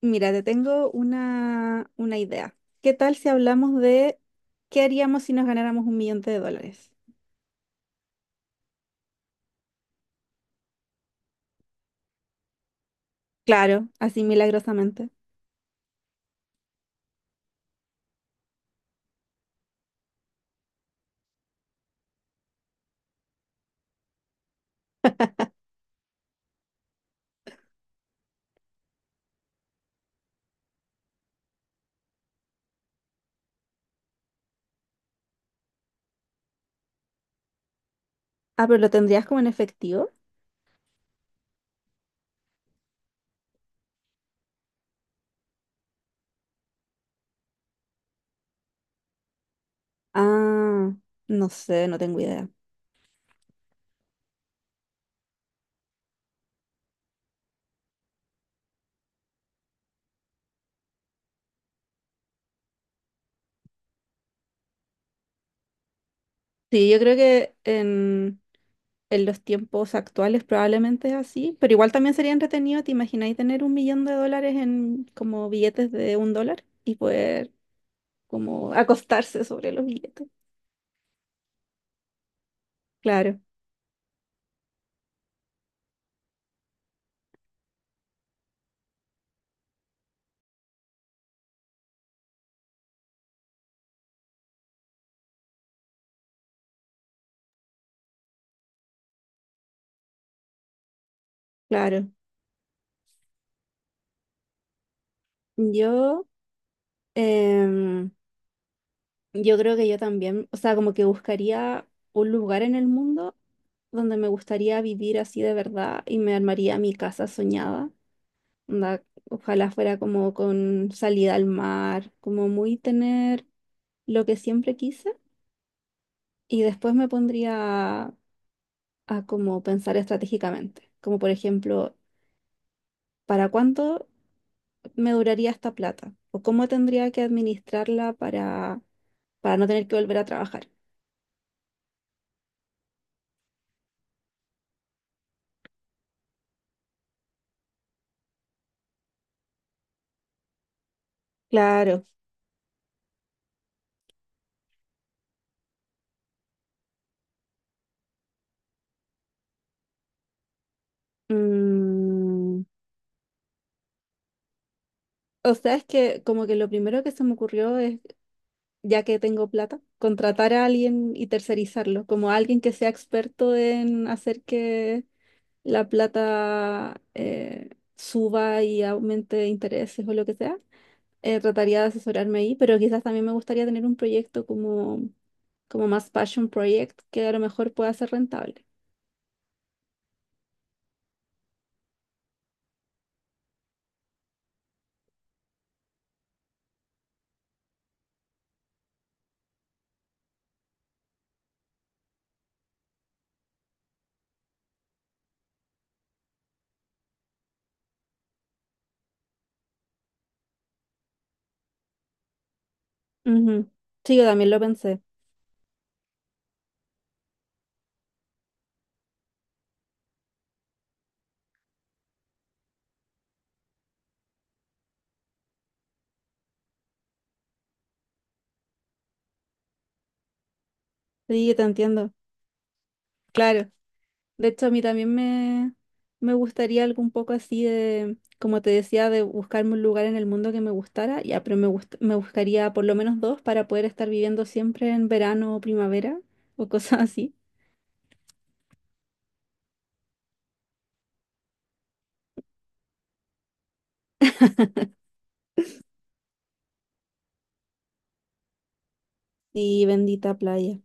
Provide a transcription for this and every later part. Mira, te tengo una idea. ¿Qué tal si hablamos de qué haríamos si nos ganáramos un millón de dólares? Claro, así milagrosamente. Ah, pero ¿lo tendrías como en efectivo? Ah, no sé, no tengo idea. Sí, yo creo que en los tiempos actuales probablemente es así, pero igual también sería entretenido, ¿te imagináis tener un millón de dólares en como billetes de un dólar y poder como acostarse sobre los billetes? Claro, claro. Yo... em, Yo creo que yo también, o sea, como que buscaría un lugar en el mundo donde me gustaría vivir así de verdad y me armaría mi casa soñada. Onda, ojalá fuera como con salida al mar, como muy tener lo que siempre quise. Y después me pondría a, a como pensar estratégicamente, como por ejemplo, ¿para cuánto me duraría esta plata? ¿O cómo tendría que administrarla para no tener que volver a trabajar? Claro. Mm, O sea, es que como que lo primero que se me ocurrió es, ya que tengo plata, contratar a alguien y tercerizarlo, como alguien que sea experto en hacer que la plata suba y aumente intereses o lo que sea. Trataría de asesorarme ahí, pero quizás también me gustaría tener un proyecto como más passion project que a lo mejor pueda ser rentable. Ujú. Sí, yo también lo pensé. Sí, te entiendo. Claro. De hecho, a mí también me gustaría algo un poco así de, como te decía, de buscarme un lugar en el mundo que me gustara. Ya, pero me buscaría por lo menos dos para poder estar viviendo siempre en verano o primavera o cosas así. Y bendita playa.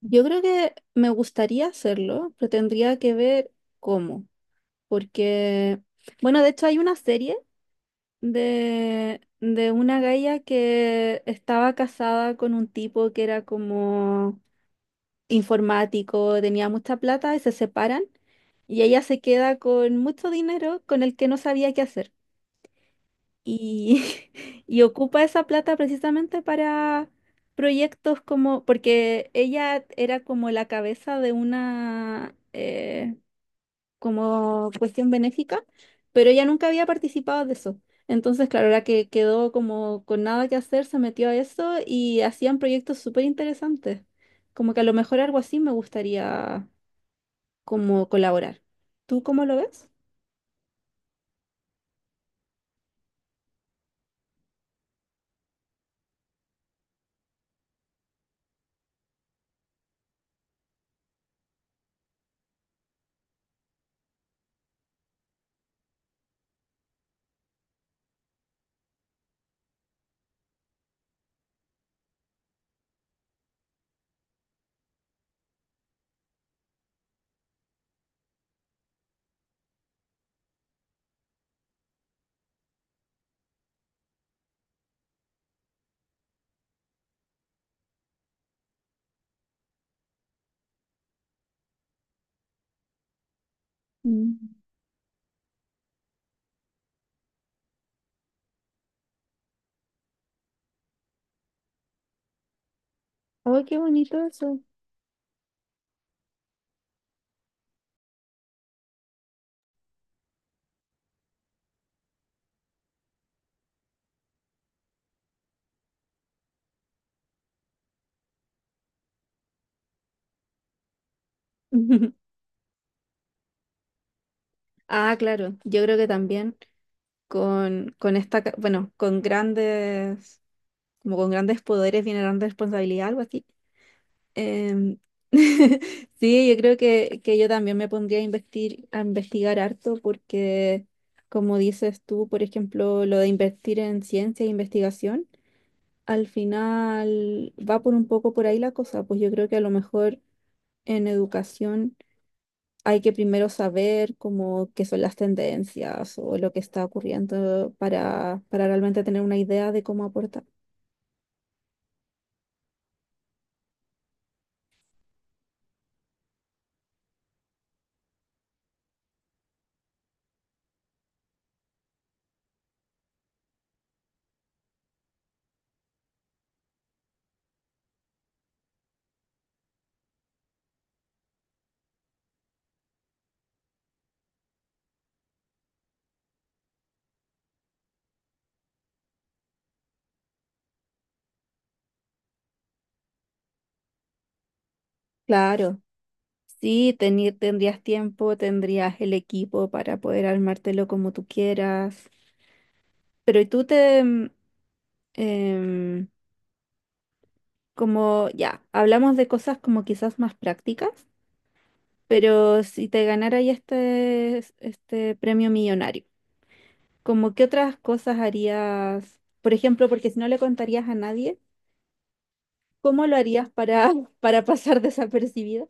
Yo creo que me gustaría hacerlo, pero tendría que ver cómo, porque, bueno, de hecho hay una serie de una galla que estaba casada con un tipo que era como informático, tenía mucha plata y se separan y ella se queda con mucho dinero con el que no sabía qué hacer. Y y ocupa esa plata precisamente para proyectos como, porque ella era como la cabeza de una como cuestión benéfica, pero ella nunca había participado de eso. Entonces, claro, la que quedó como con nada que hacer, se metió a eso y hacían proyectos súper interesantes. Como que a lo mejor algo así me gustaría como colaborar. ¿Tú cómo lo ves? Mm. ¡Ay, qué bonito eso! Ah, claro, yo creo que también con, esta, bueno, con grandes, como con grandes poderes viene grande responsabilidad, algo así. Em, sí, yo creo que yo también me pondría a investir, a investigar harto porque, como dices tú, por ejemplo, lo de invertir en ciencia e investigación, al final va por un poco por ahí la cosa, pues yo creo que a lo mejor en educación hay que primero saber como qué son las tendencias o lo que está ocurriendo para realmente tener una idea de cómo aportar. Claro, sí, tendrías tiempo, tendrías el equipo para poder armártelo como tú quieras. Pero y tú te, em, como ya, hablamos de cosas como quizás más prácticas, pero si te ganara ahí este premio millonario, ¿como qué otras cosas harías? Por ejemplo, porque si no le contarías a nadie. ¿Cómo lo harías para, para pasar desapercibido?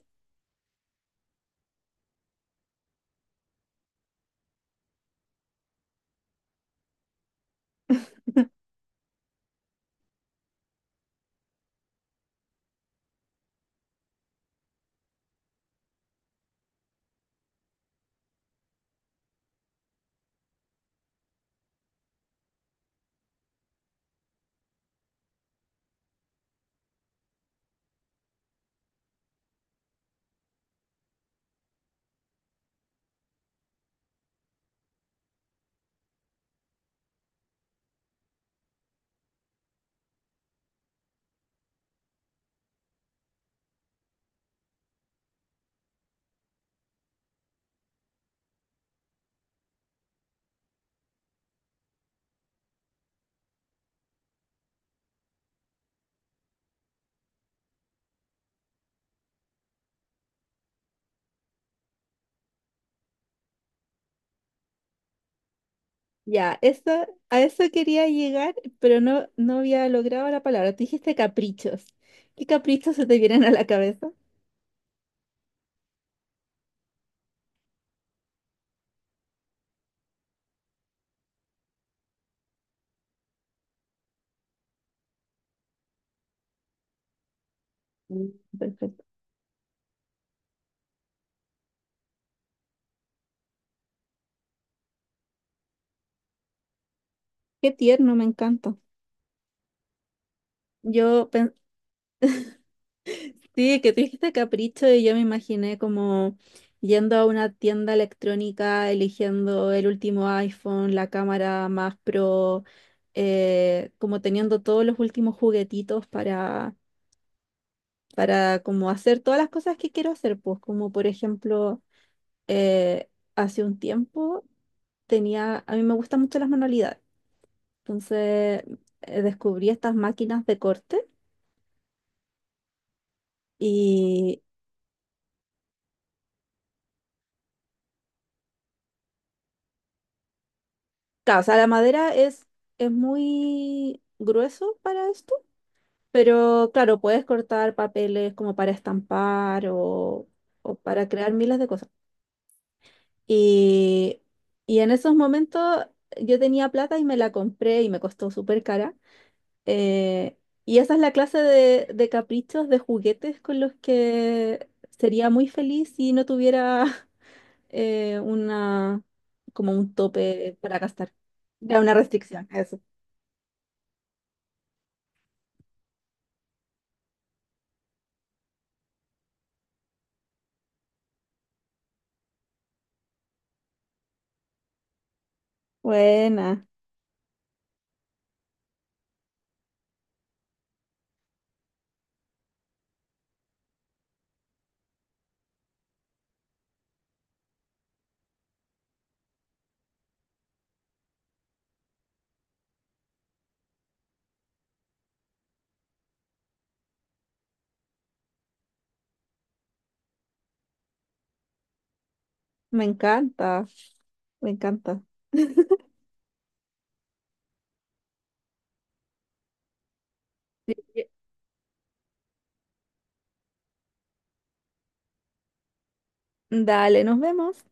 Ya, eso, a eso quería llegar, pero no, no había logrado la palabra. Tú dijiste caprichos. ¿Qué caprichos se te vienen a la cabeza? Mm. Perfecto. Qué tierno, me encanta. Yo pensé que tú dijiste capricho y yo me imaginé como yendo a una tienda electrónica, eligiendo el último iPhone, la cámara más pro, como teniendo todos los últimos juguetitos para como hacer todas las cosas que quiero hacer, pues como por ejemplo, eh, hace un tiempo tenía, a mí me gustan mucho las manualidades, entonces descubrí estas máquinas de corte y, claro, o sea, la madera es muy grueso para esto, pero claro, puedes cortar papeles como para estampar o para crear miles de cosas. Y, y en esos momentos yo tenía plata y me la compré y me costó súper cara. Eh, y esa es la clase de caprichos, de juguetes con los que sería muy feliz si no tuviera una, como un tope para gastar. Ya una restricción, eso. Buena, me encanta, me encanta. Dale, nos vemos.